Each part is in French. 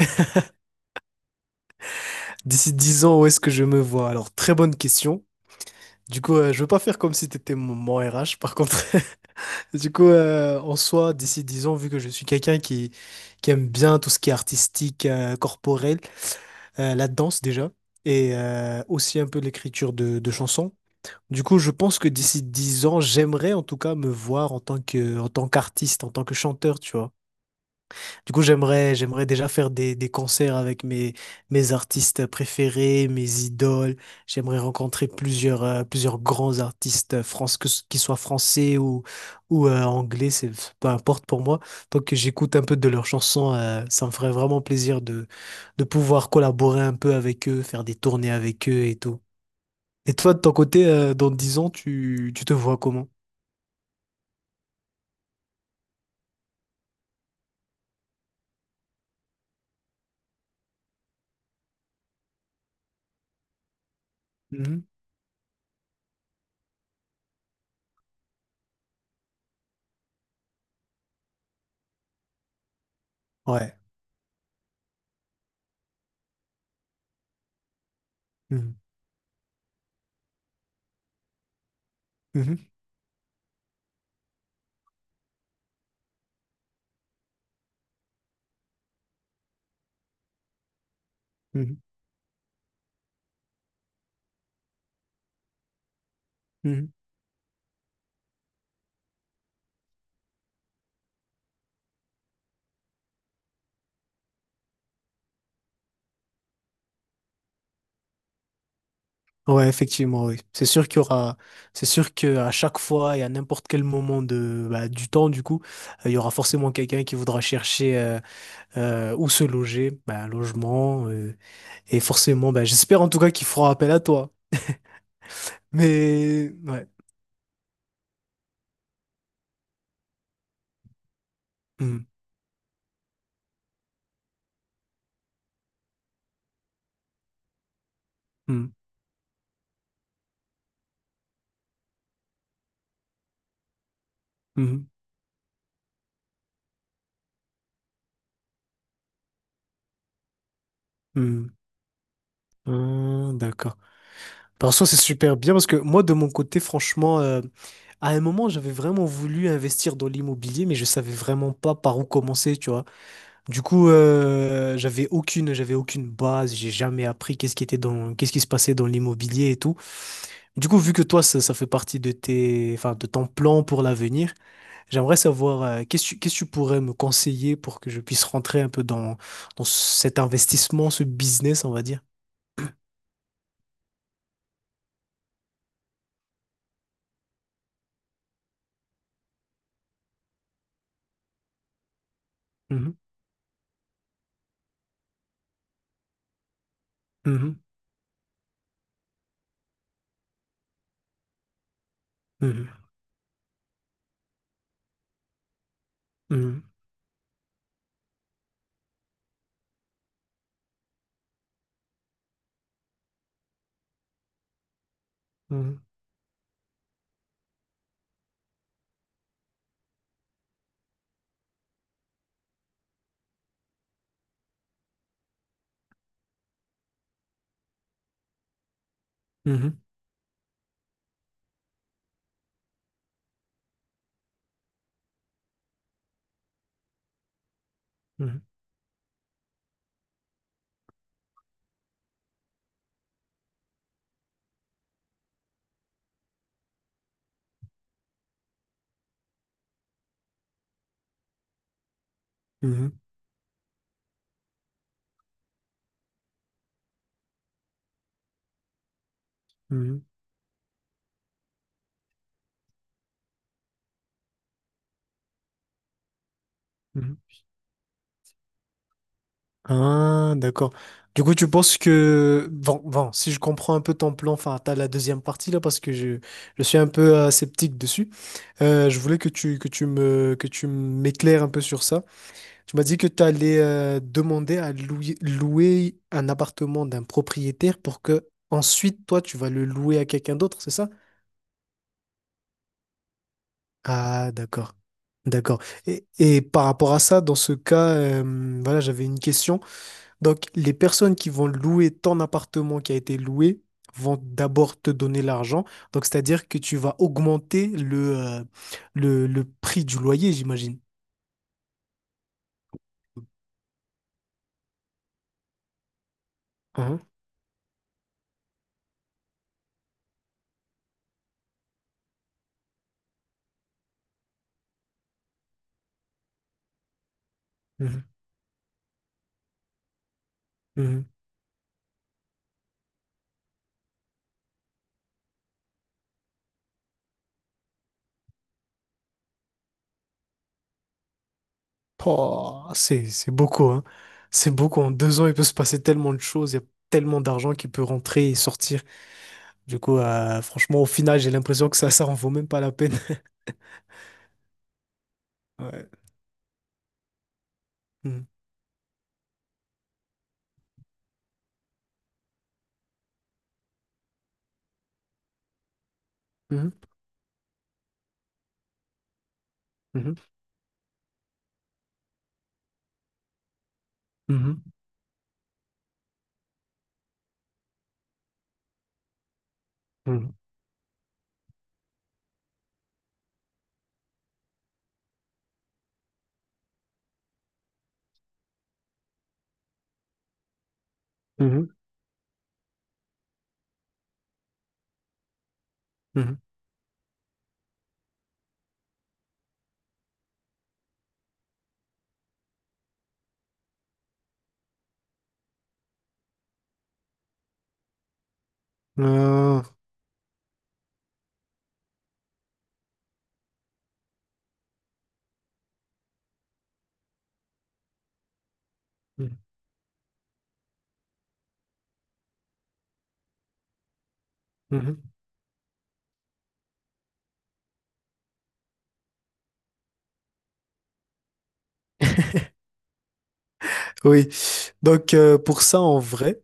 D'ici dix ans, où est-ce que je me vois? Alors, très bonne question. Du coup, je veux pas faire comme si t'étais mon RH, par contre. Du coup, en soi, d'ici 10 ans, vu que je suis quelqu'un qui aime bien tout ce qui est artistique, corporel, la danse déjà, et aussi un peu l'écriture de chansons. Du coup, je pense que d'ici 10 ans, j'aimerais en tout cas me voir en tant que, en tant qu'artiste, en tant que chanteur, tu vois. Du coup, j'aimerais déjà faire des concerts avec mes artistes préférés, mes idoles. J'aimerais rencontrer plusieurs grands artistes France, qu'ils soient français ou anglais, c'est peu importe pour moi. Tant que j'écoute un peu de leurs chansons, ça me ferait vraiment plaisir de pouvoir collaborer un peu avec eux, faire des tournées avec eux et tout. Et toi, de ton côté, dans 10 ans, tu te vois comment? Mhm. Ouais. Mhm. Mhm. Mhm. Mhm. Ouais, effectivement, oui. C'est sûr qu'il y aura, c'est sûr que à chaque fois et à n'importe quel moment bah, du temps, du coup, il y aura forcément quelqu'un qui voudra chercher où se loger, bah, un logement, et forcément, bah, j'espère en tout cas qu'il fera appel à toi. Mais ouais. Hum, hum, hum, hum. D'accord. Par contre, c'est super bien parce que moi, de mon côté, franchement, à un moment, j'avais vraiment voulu investir dans l'immobilier, mais je savais vraiment pas par où commencer, tu vois. Du coup, j'avais aucune base, j'ai jamais appris qu'est-ce qui se passait dans l'immobilier et tout. Du coup, vu que toi, ça fait partie de tes, enfin, de ton plan pour l'avenir, j'aimerais savoir, qu'est-ce que tu pourrais me conseiller pour que je puisse rentrer un peu dans cet investissement, ce business, on va dire. Mhm, mhm, mhm, mhm, mhm, mhm, mhm, mhm, mhm, mhm. Ah, d'accord. Du coup, tu penses que... Bon, si je comprends un peu ton plan, enfin, t'as la deuxième partie là, parce que je suis un peu sceptique dessus. Je voulais que tu m'éclaires un peu sur ça. Tu m'as dit que tu allais louer un appartement d'un propriétaire pour que ensuite, toi, tu vas le louer à quelqu'un d'autre, c'est ça? Ah, d'accord. D'accord. Et par rapport à ça, dans ce cas, voilà, j'avais une question. Donc, les personnes qui vont louer ton appartement qui a été loué vont d'abord te donner l'argent. Donc, c'est-à-dire que tu vas augmenter le prix du loyer, j'imagine. Hein. Mhm. Mhm. Oh, c'est beaucoup, hein. C'est beaucoup. En deux ans, il peut se passer tellement de choses. Il y a tellement d'argent qui peut rentrer et sortir. Du coup, franchement, au final, j'ai l'impression que ça en vaut même pas la peine. Ouais. Mhm. Mhm. Mhm. Mhm. Mhm. Mhm. Mhm. Ah. Mhm. Mhm. Oui, donc pour ça, en vrai,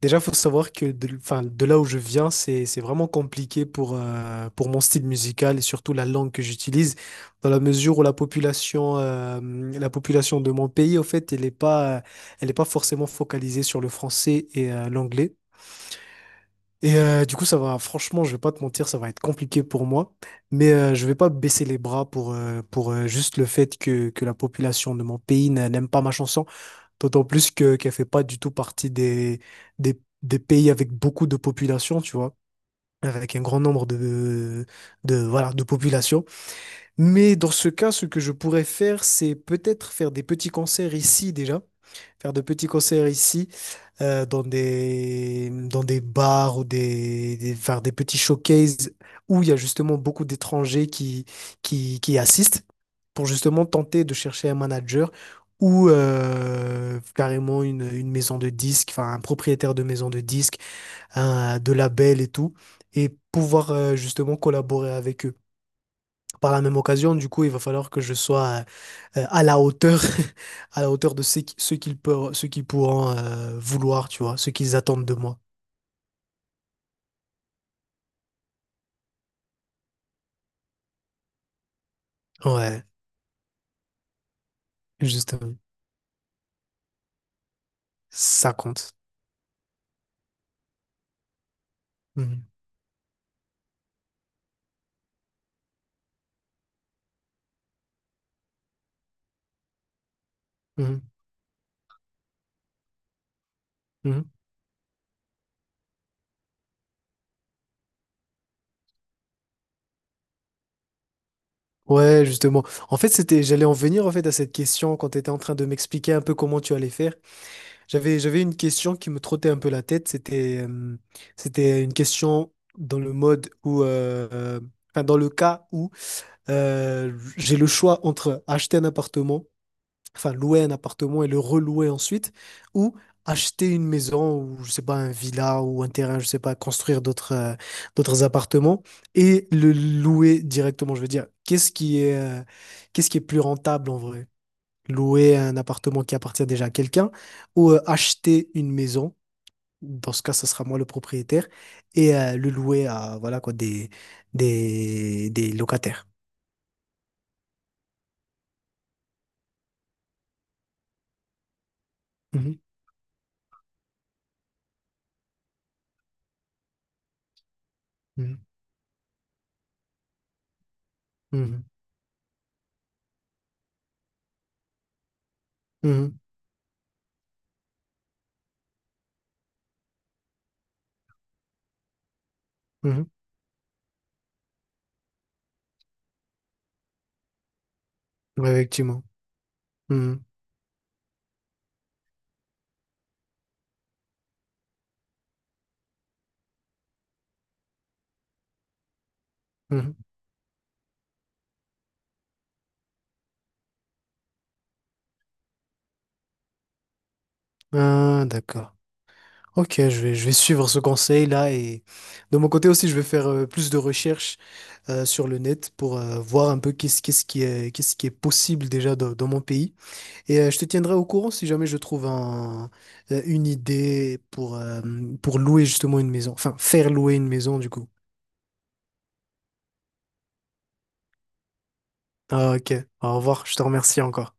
déjà, faut savoir enfin, de là où je viens, c'est vraiment compliqué pour mon style musical et surtout la langue que j'utilise, dans la mesure où la population de mon pays, au fait, elle est pas forcément focalisée sur le français et l'anglais. Et du coup, ça va, franchement, je vais pas te mentir, ça va être compliqué pour moi, mais je vais pas baisser les bras pour juste le fait que la population de mon pays n'aime pas ma chanson. D'autant plus que qu'elle fait pas du tout partie des pays avec beaucoup de population, tu vois, avec un grand nombre voilà, de population. Mais dans ce cas, ce que je pourrais faire, c'est peut-être faire des petits concerts ici déjà, faire de petits concerts ici, dans des bars ou faire des petits showcases où il y a justement beaucoup d'étrangers qui assistent pour justement tenter de chercher un manager ou carrément une maison de disques, enfin un propriétaire de maison de disques, de label et tout, et pouvoir justement collaborer avec eux. Par la même occasion, du coup, il va falloir que je sois à la hauteur, à la hauteur de ce qu'ils peuvent, ce qu'ils pourront vouloir, tu vois, ce qu'ils attendent de moi. Ouais, justement, ça compte. Mhm, mhm, mhm. Ouais, justement. En fait, j'allais en venir en fait à cette question quand tu étais en train de m'expliquer un peu comment tu allais faire. J'avais une question qui me trottait un peu la tête. C'était, c'était une question dans le mode enfin, dans le cas où euh, j'ai le choix entre acheter un appartement, enfin louer un appartement et le relouer ensuite, ou acheter une maison ou je sais pas un villa ou un terrain, je sais pas, construire d'autres appartements et le louer directement. Je veux dire, qu'est-ce qui est plus rentable en vrai? Louer un appartement qui appartient déjà à quelqu'un ou acheter une maison. Dans ce cas, ce sera moi le propriétaire et le louer à voilà quoi des locataires. Mhm. Mhm. Mhm, mhm, mhm. Ouais, effectivement. Mhm, mhm. Ah, d'accord. Ok, je vais suivre ce conseil-là et de mon côté aussi, je vais faire plus de recherches sur le net pour voir un peu qu'est-ce qui est possible déjà dans mon pays. Et je te tiendrai au courant si jamais je trouve une idée pour louer justement une maison, enfin faire louer une maison du coup. Ah, ok, au revoir, je te remercie encore.